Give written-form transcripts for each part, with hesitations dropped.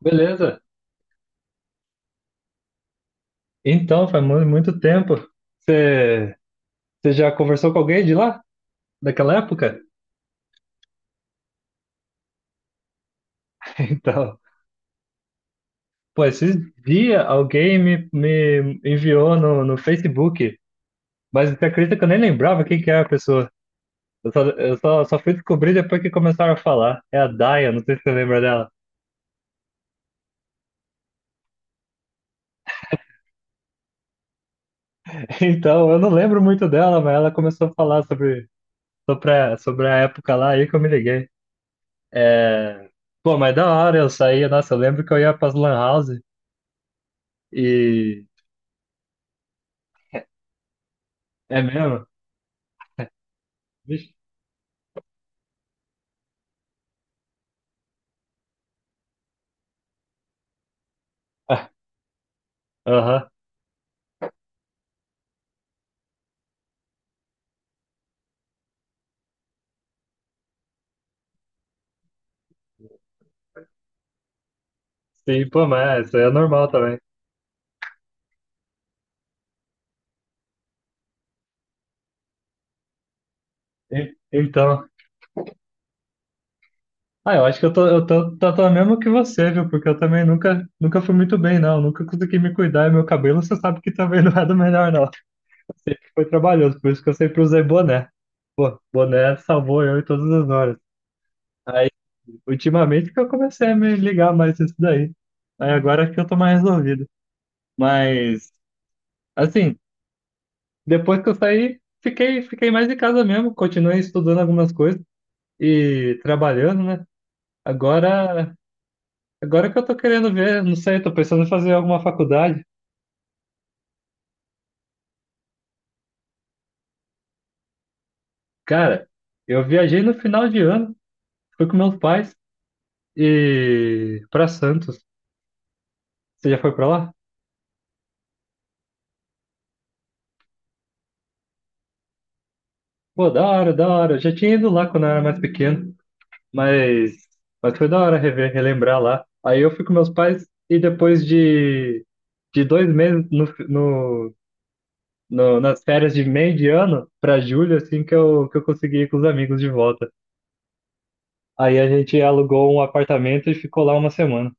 Beleza. Então, faz muito tempo. Você você já conversou com alguém de lá? Daquela época? Então, pô, esses dias alguém me enviou no Facebook, mas você acredita que eu nem lembrava quem que era a pessoa? Eu só fui descobrir depois que começaram a falar. É a Daya, não sei se você lembra dela. Então, eu não lembro muito dela, mas ela começou a falar sobre a época lá, aí que eu me liguei. É. Pô, mas da hora eu saía, nossa, eu lembro que eu ia pras lan house e. É mesmo? Vixe. Ah. Aham. Sim, pô, mas isso aí é normal também. Então, ah, eu acho que eu tô mesmo que você, viu? Porque eu também nunca fui muito bem, não. Nunca consegui me cuidar e meu cabelo, você sabe que também não é do melhor, não. Foi trabalhoso, por isso que eu sempre usei boné. Boné salvou eu em todas as horas. Aí, ultimamente que eu comecei a me ligar mais nisso daí. Aí agora que eu tô mais resolvido. Mas, assim, depois que eu saí, fiquei mais em casa mesmo. Continuei estudando algumas coisas e trabalhando, né? Agora, agora que eu tô querendo ver, não sei, tô pensando em fazer alguma faculdade. Cara, eu viajei no final de ano, fui com meus pais e para Santos. Você já foi para lá? Pô, da hora, da hora. Eu já tinha ido lá quando eu era mais pequeno, mas mas foi da hora rever, relembrar lá. Aí eu fui com meus pais e depois de dois meses nas férias de meio de ano para julho, assim que eu consegui ir com os amigos de volta. Aí a gente alugou um apartamento e ficou lá uma semana.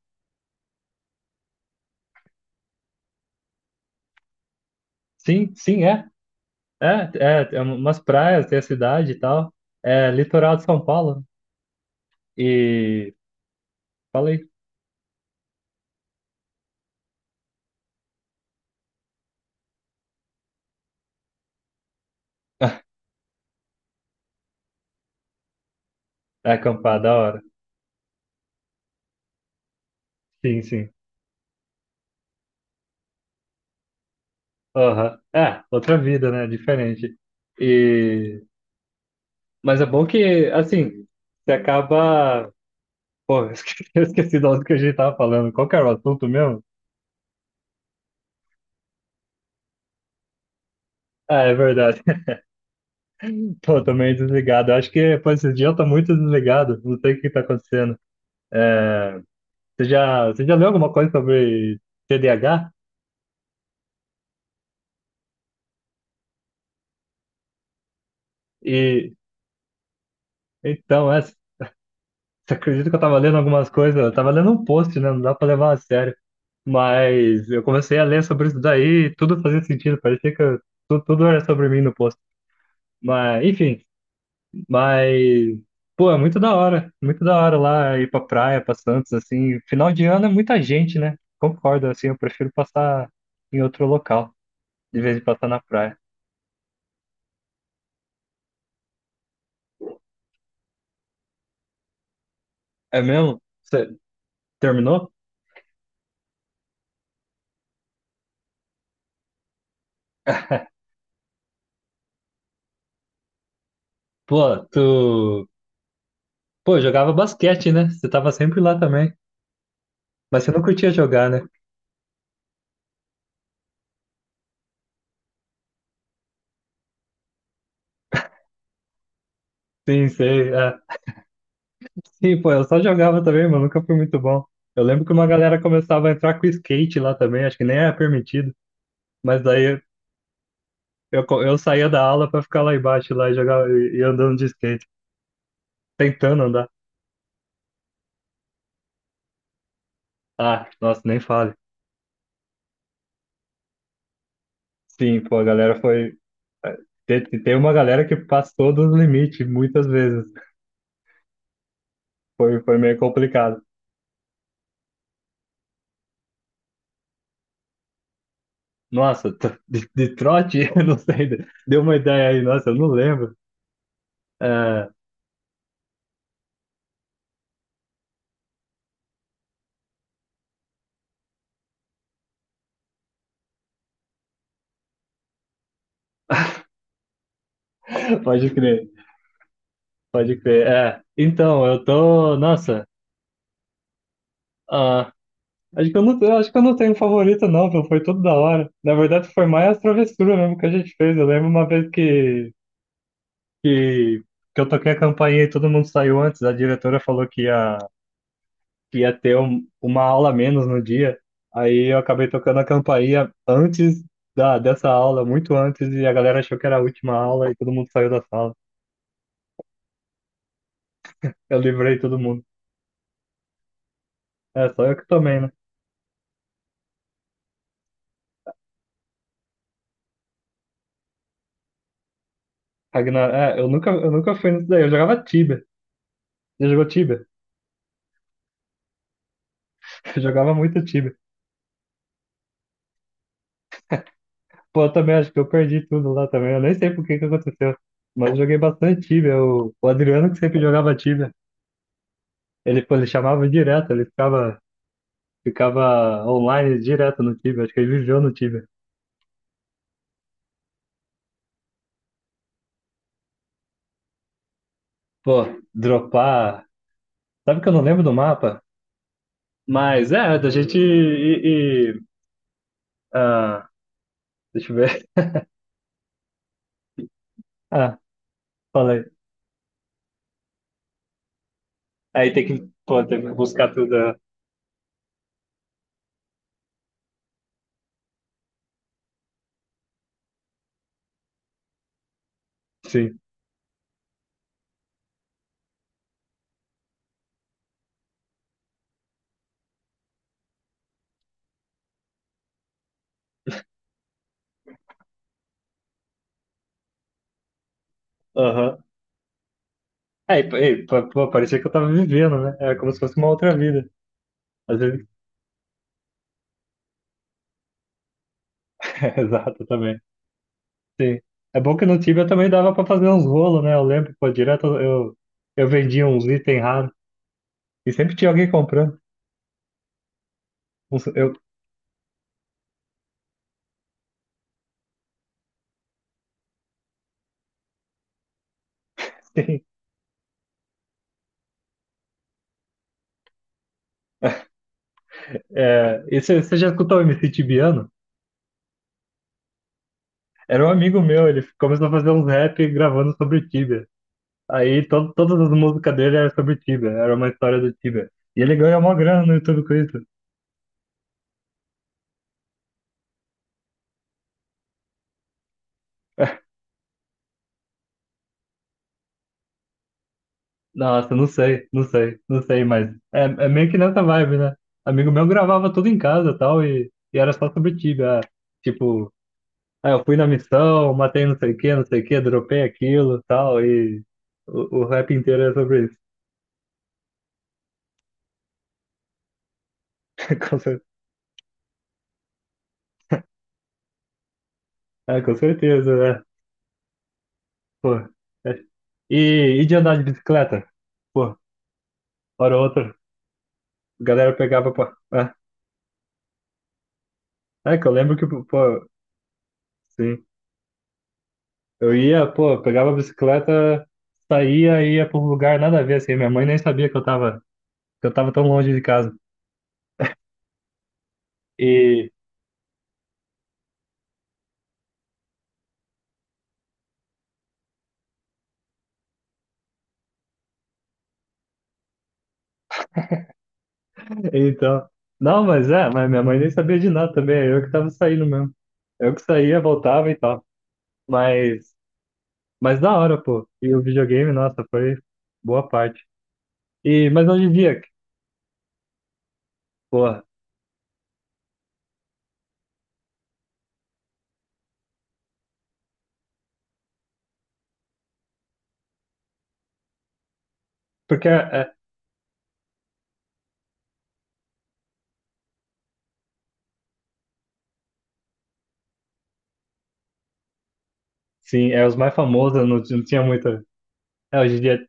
Sim, sim, é. É, é umas praias, tem a cidade e tal. É litoral de São Paulo. E falei. É acampar, da hora. Sim, sim. Aham. É, outra vida, né? Diferente. E. Mas é bom que, assim, você acaba. Pô, eu esqueci do que a gente tava falando. Qual que era o assunto mesmo? Ah, é verdade. Tô também desligado. Eu acho que, pô, esse dia eu tô muito desligado. Não sei o que tá acontecendo. É. Você já leu alguma coisa sobre TDAH? E então, você acredita que eu tava lendo algumas coisas? Eu tava lendo um post, né? Não dá pra levar a sério. Mas eu comecei a ler sobre isso daí e tudo fazia sentido. Parecia que tudo era sobre mim no post. Mas, enfim, mas. Pô, é muito da hora. Muito da hora lá ir pra praia, pra Santos, assim. Final de ano é muita gente, né? Concordo, assim, eu prefiro passar em outro local, em vez de passar na praia. É mesmo? Você terminou? Pô, tu. Pô, jogava basquete, né? Você tava sempre lá também. Mas você não curtia jogar, né? Sim, sei. É. Sim, pô, eu só jogava também, mas nunca fui muito bom. Eu lembro que uma galera começava a entrar com skate lá também, acho que nem era permitido. Mas daí eu saía da aula pra ficar lá embaixo lá e jogar e andando de skate, tentando andar. Ah, nossa, nem fale. Sim, pô, a galera foi. Tem uma galera que passou dos limites muitas vezes. Foi meio complicado. Nossa, tro- de trote? Eu não sei. Deu uma ideia aí, nossa, eu não lembro. É, pode crer, pode crer. É, então, eu tô. Nossa, ah, acho que eu não, eu acho que eu não tenho um favorito, não, viu? Foi tudo da hora. Na verdade, foi mais a travessura mesmo que a gente fez. Eu lembro uma vez que, que eu toquei a campainha e todo mundo saiu antes. A diretora falou que ia. Que ia ter uma aula a menos no dia. Aí eu acabei tocando a campainha antes da, dessa aula, muito antes, e a galera achou que era a última aula e todo mundo saiu da sala. Eu livrei todo mundo. É, só eu que tomei, né? Ragnar, é, eu nunca fui nisso daí. Eu jogava Tibia. Você jogou Tibia? Eu jogava muito Tibia. Pô, eu também acho que eu perdi tudo lá também. Eu nem sei por que que aconteceu. Mas eu joguei bastante Tibia. O Adriano que sempre jogava Tibia. Ele, pô, ele chamava direto, ele ficava online direto no Tibia. Acho que ele viveu no Tibia. Pô, dropar. Sabe que eu não lembro do mapa? Mas é, da gente ah, deixa eu ver. Ah, falei. Aí tem que, pô, tem que buscar tudo. É. Sim. Aham. Aí, pô, pô, parecia que eu tava vivendo, né? É como se fosse uma outra vida. Às vezes. Exato, também. Sim. É bom que no Tibia também dava pra fazer uns rolos, né? Eu lembro, pô, direto eu vendia uns itens raros. E sempre tinha alguém comprando. Eu. Sim. É, e você já escutou o MC Tibiano? Era um amigo meu, ele começou a fazer uns rap gravando sobre Tibia. Aí to todas as músicas dele eram sobre Tibia, era uma história do Tibia. E ele ganhou uma grana no YouTube com isso. Nossa, não sei, não sei, não sei, mas é, é meio que nessa vibe, né? Amigo meu gravava tudo em casa e tal, e era só sobre Tibia. Ah, tipo, ah, eu fui na missão, matei não sei o que, não sei o que, dropei aquilo e tal, e o rap inteiro é sobre isso. Com cer- É, com certeza, né? Pô. É. E de andar de bicicleta? Pô, hora ou outra, a galera pegava, pô. É, é que eu lembro que, pô, sim. Eu ia, pô, pegava a bicicleta, saía, ia pra um lugar nada a ver, assim. Minha mãe nem sabia que eu tava tão longe de casa. E, então. Não, mas minha mãe nem sabia de nada também. É, eu que tava saindo mesmo. Eu que saía, voltava e tal. Mas, mas da hora, pô. E o videogame, nossa, foi boa parte. E, mas hoje em dia, pô, porque é. Sim, é os mais famosos, não, não tinha muita. É, hoje em dia,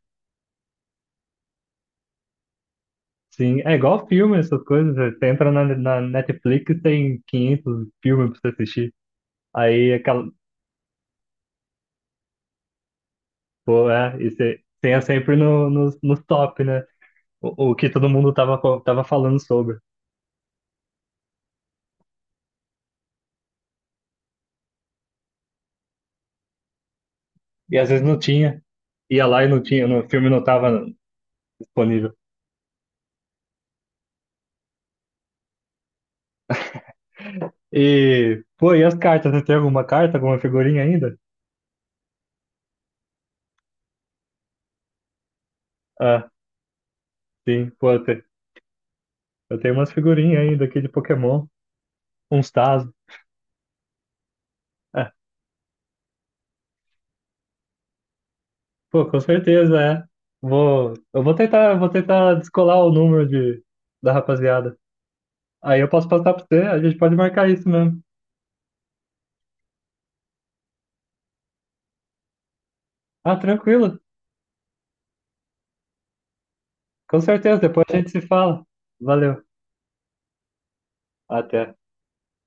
sim, é igual filme, essas coisas. Você entra na Netflix, tem 500 filmes pra você assistir. Aí, aquela, pô, é, e você tem sempre no top, né? O que todo mundo tava, tava falando sobre. E às vezes não tinha. Ia lá e não tinha, no filme não tava disponível. E, pô, e as cartas? Você tem alguma carta, alguma figurinha ainda? Ah, sim, pô, eu tenho umas figurinhas ainda aqui de Pokémon, uns Tazos. Pô, com certeza, é. Eu vou tentar descolar o número da rapaziada. Aí eu posso passar pra você, a gente pode marcar isso mesmo. Ah, tranquilo. Com certeza, depois a gente se fala. Valeu. Até.